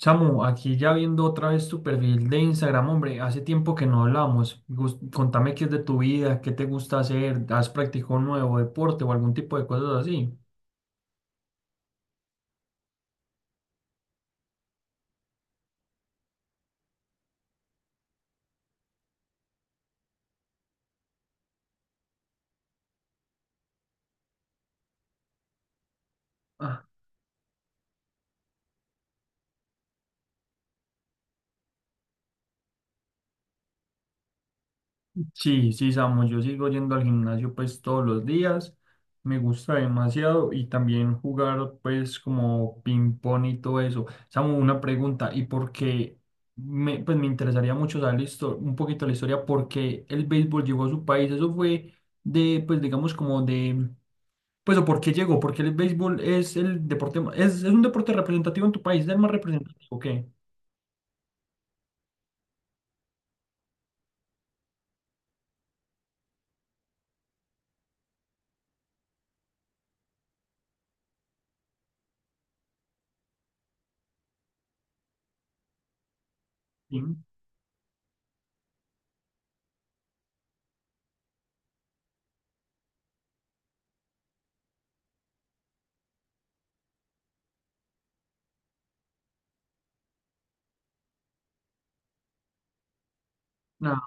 Samu, aquí ya viendo otra vez tu perfil de Instagram, hombre, hace tiempo que no hablamos. Contame qué es de tu vida, qué te gusta hacer, has practicado un nuevo deporte o algún tipo de cosas así. Ah, sí, Samu, yo sigo yendo al gimnasio pues todos los días, me gusta demasiado y también jugar pues como ping pong y todo eso. Samu, una pregunta, ¿y por qué? Pues me interesaría mucho saber la un poquito la historia, por qué el béisbol llegó a su país, eso fue de, pues digamos como de. Pues o por qué llegó, porque el béisbol es el deporte, es un deporte representativo en tu país, es el más representativo, ¿qué? Sí. Ah,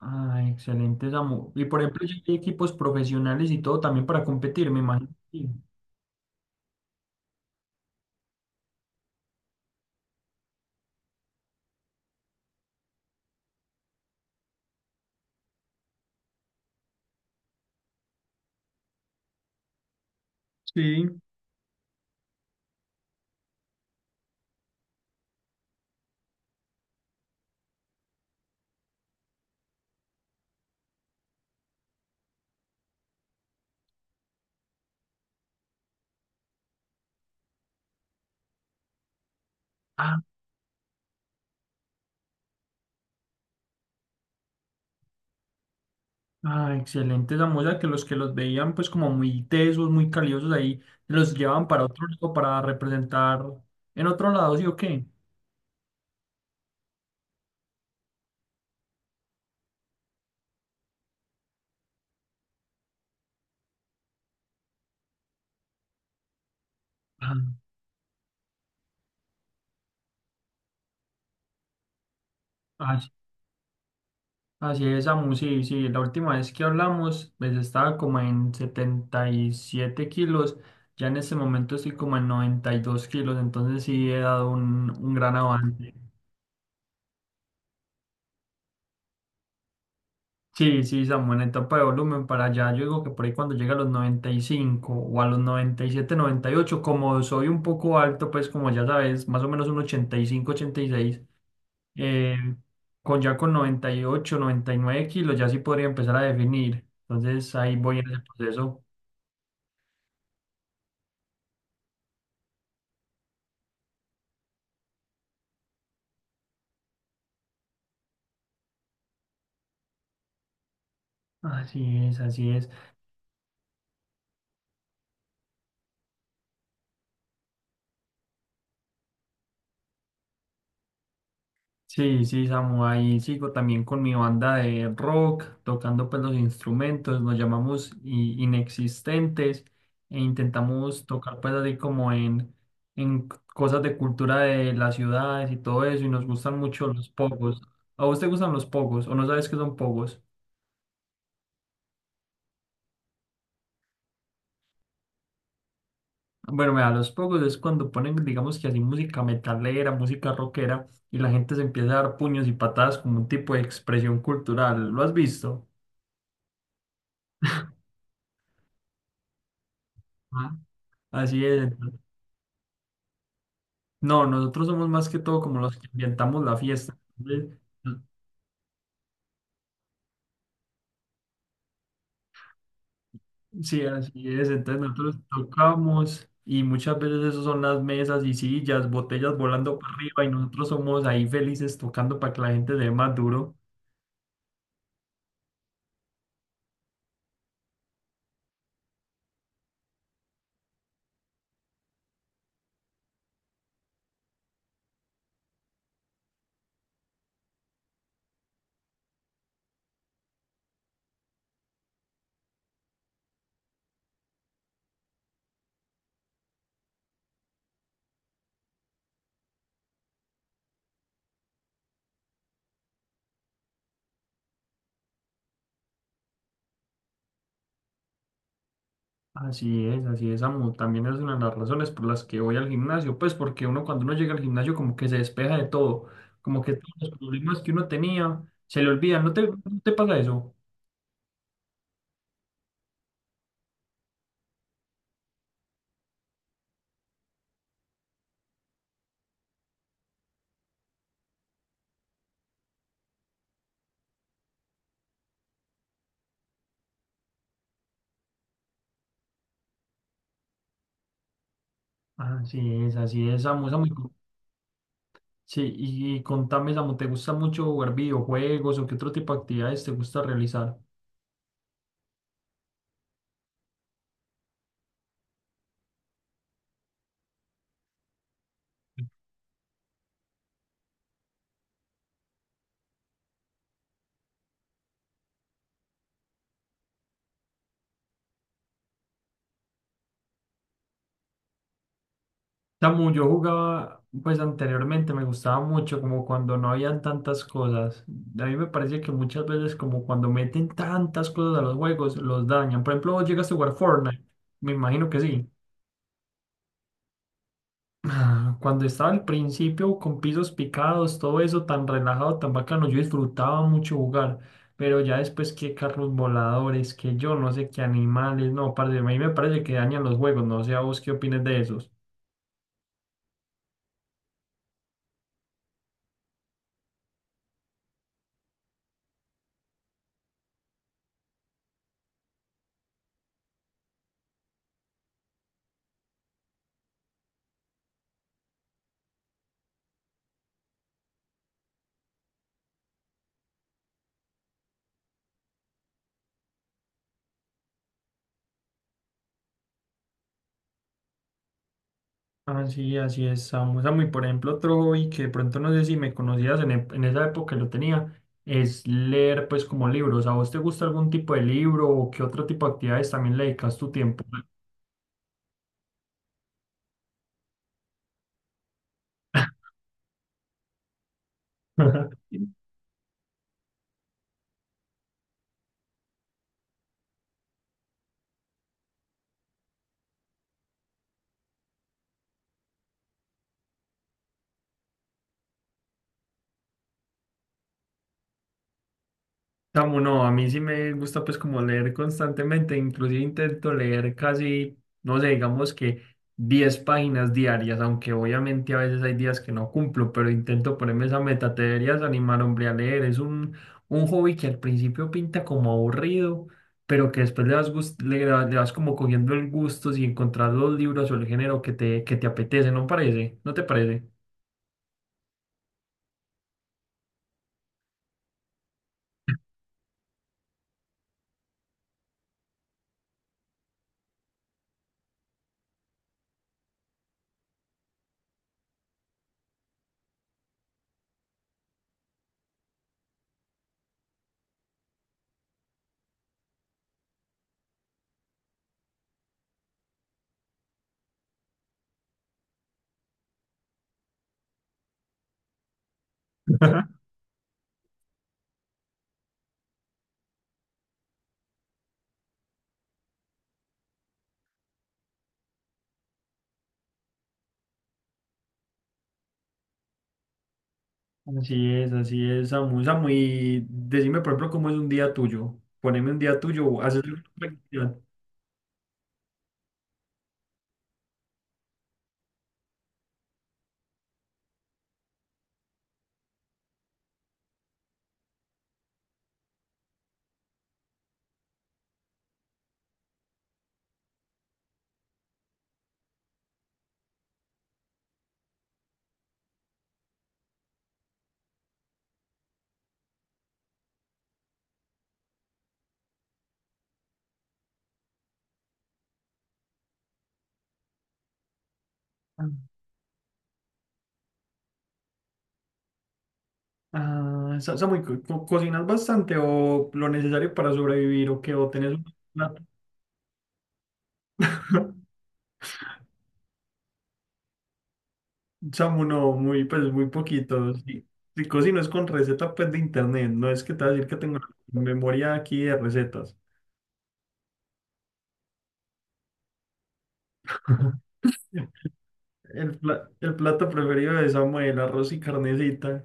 ah, excelente, Samu. Y por ejemplo, ya hay equipos profesionales y todo también para competir, me imagino. Sí. Sí. Ah, ah, excelente, Samu. O sea, que los veían pues como muy tesos, muy caliosos ahí, los llevaban para otro lado, para representar en otro lado, ¿sí o qué? Ah, así es, Samu, sí, la última vez que hablamos, pues estaba como en 77 kilos, ya en este momento estoy como en 92 kilos, entonces sí he dado un gran avance. Sí, sí, Samu, en etapa de volumen para allá, yo digo que por ahí cuando llega a los 95 o a los noventa y siete noventa y ocho como soy un poco alto, pues como ya sabes, más o menos un 85, 86, eh, con ya con noventa y ocho noventa y nueve kilos ya sí podría empezar a definir, entonces ahí voy en ese proceso. Así es, así es. Sí, sí, Samu, ahí sigo también con mi banda de rock, tocando pues los instrumentos, nos llamamos inexistentes e intentamos tocar pues así como en cosas de cultura de las ciudades y todo eso, y nos gustan mucho los pogos. ¿A vos te gustan los pogos o no sabes qué son pogos? Bueno, mira, los pogos es cuando ponen, digamos que así, música metalera, música rockera, y la gente se empieza a dar puños y patadas como un tipo de expresión cultural. ¿Lo has visto? Así es. No, nosotros somos más que todo como los que inventamos la fiesta. Entonces, no. Sí, así es. Entonces nosotros tocamos y muchas veces eso son las mesas y sillas, botellas volando para arriba y nosotros somos ahí felices tocando para que la gente le dé más duro. Así es, amo. También es una de las razones por las que voy al gimnasio, pues porque uno cuando uno llega al gimnasio como que se despeja de todo, como que todos los problemas que uno tenía se le olvidan. No te pasa eso? Así es, Samu, Samu. Sí, y contame, Samu, ¿te gusta mucho jugar videojuegos o qué otro tipo de actividades te gusta realizar? Samu, yo jugaba, pues anteriormente me gustaba mucho, como cuando no habían tantas cosas. A mí me parece que muchas veces, como cuando meten tantas cosas a los juegos, los dañan. Por ejemplo, vos llegaste a jugar Fortnite, me imagino que sí. Ah, cuando estaba al principio con pisos picados, todo eso tan relajado, tan bacano, yo disfrutaba mucho jugar, pero ya después que carros voladores, que yo no sé qué animales, no, parce, a mí me parece que dañan los juegos, no sé a vos qué opines de esos. Así, así es, Samu. Samu, y por ejemplo, otro hobby que de pronto no sé si me conocías en, en esa época que lo tenía, es leer pues como libros. ¿A vos te gusta algún tipo de libro o qué otro tipo de actividades también le dedicas tu tiempo? Samu, no, a mí sí me gusta pues como leer constantemente, inclusive intento leer casi, no sé, digamos que 10 páginas diarias, aunque obviamente a veces hay días que no cumplo, pero intento ponerme esa meta, te deberías animar, hombre, a leer, es un hobby que al principio pinta como aburrido, pero que después le vas, le vas como cogiendo el gusto si encontrar los libros o el género que te apetece, ¿no parece? ¿No te parece? Así es, Samu. Samu, y decime, por ejemplo, cómo es un día tuyo. Poneme un día tuyo, o ¿haces alguna actividad? Ah, ah, Samu, ¿y cocinas bastante o lo necesario para sobrevivir o qué? ¿O tenés un plato? Samu, no, muy, pues muy poquito. Sí. Si cocino es con recetas pues, de internet, no es que te voy a decir que tengo la memoria aquí de recetas. El, el plato preferido de Samu, el arroz y carnecita.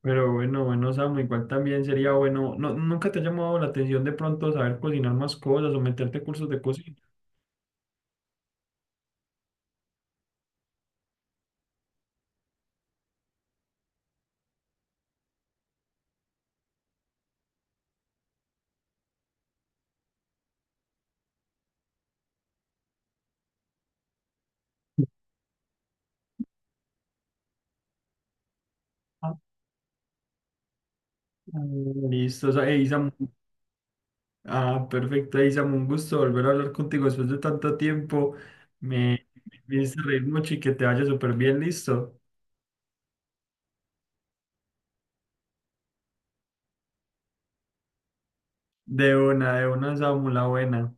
Pero bueno, bueno, Samu, igual también sería bueno. No, ¿nunca te ha llamado la atención de pronto saber cocinar más cosas o meterte a cursos de cocina? Ah, listo, o sea, ey, Samu, ah, perfecto, ey, Samu, un gusto volver a hablar contigo después de tanto tiempo. Me, me hice reír mucho y que te vaya súper bien, listo. De una, Samu, la buena.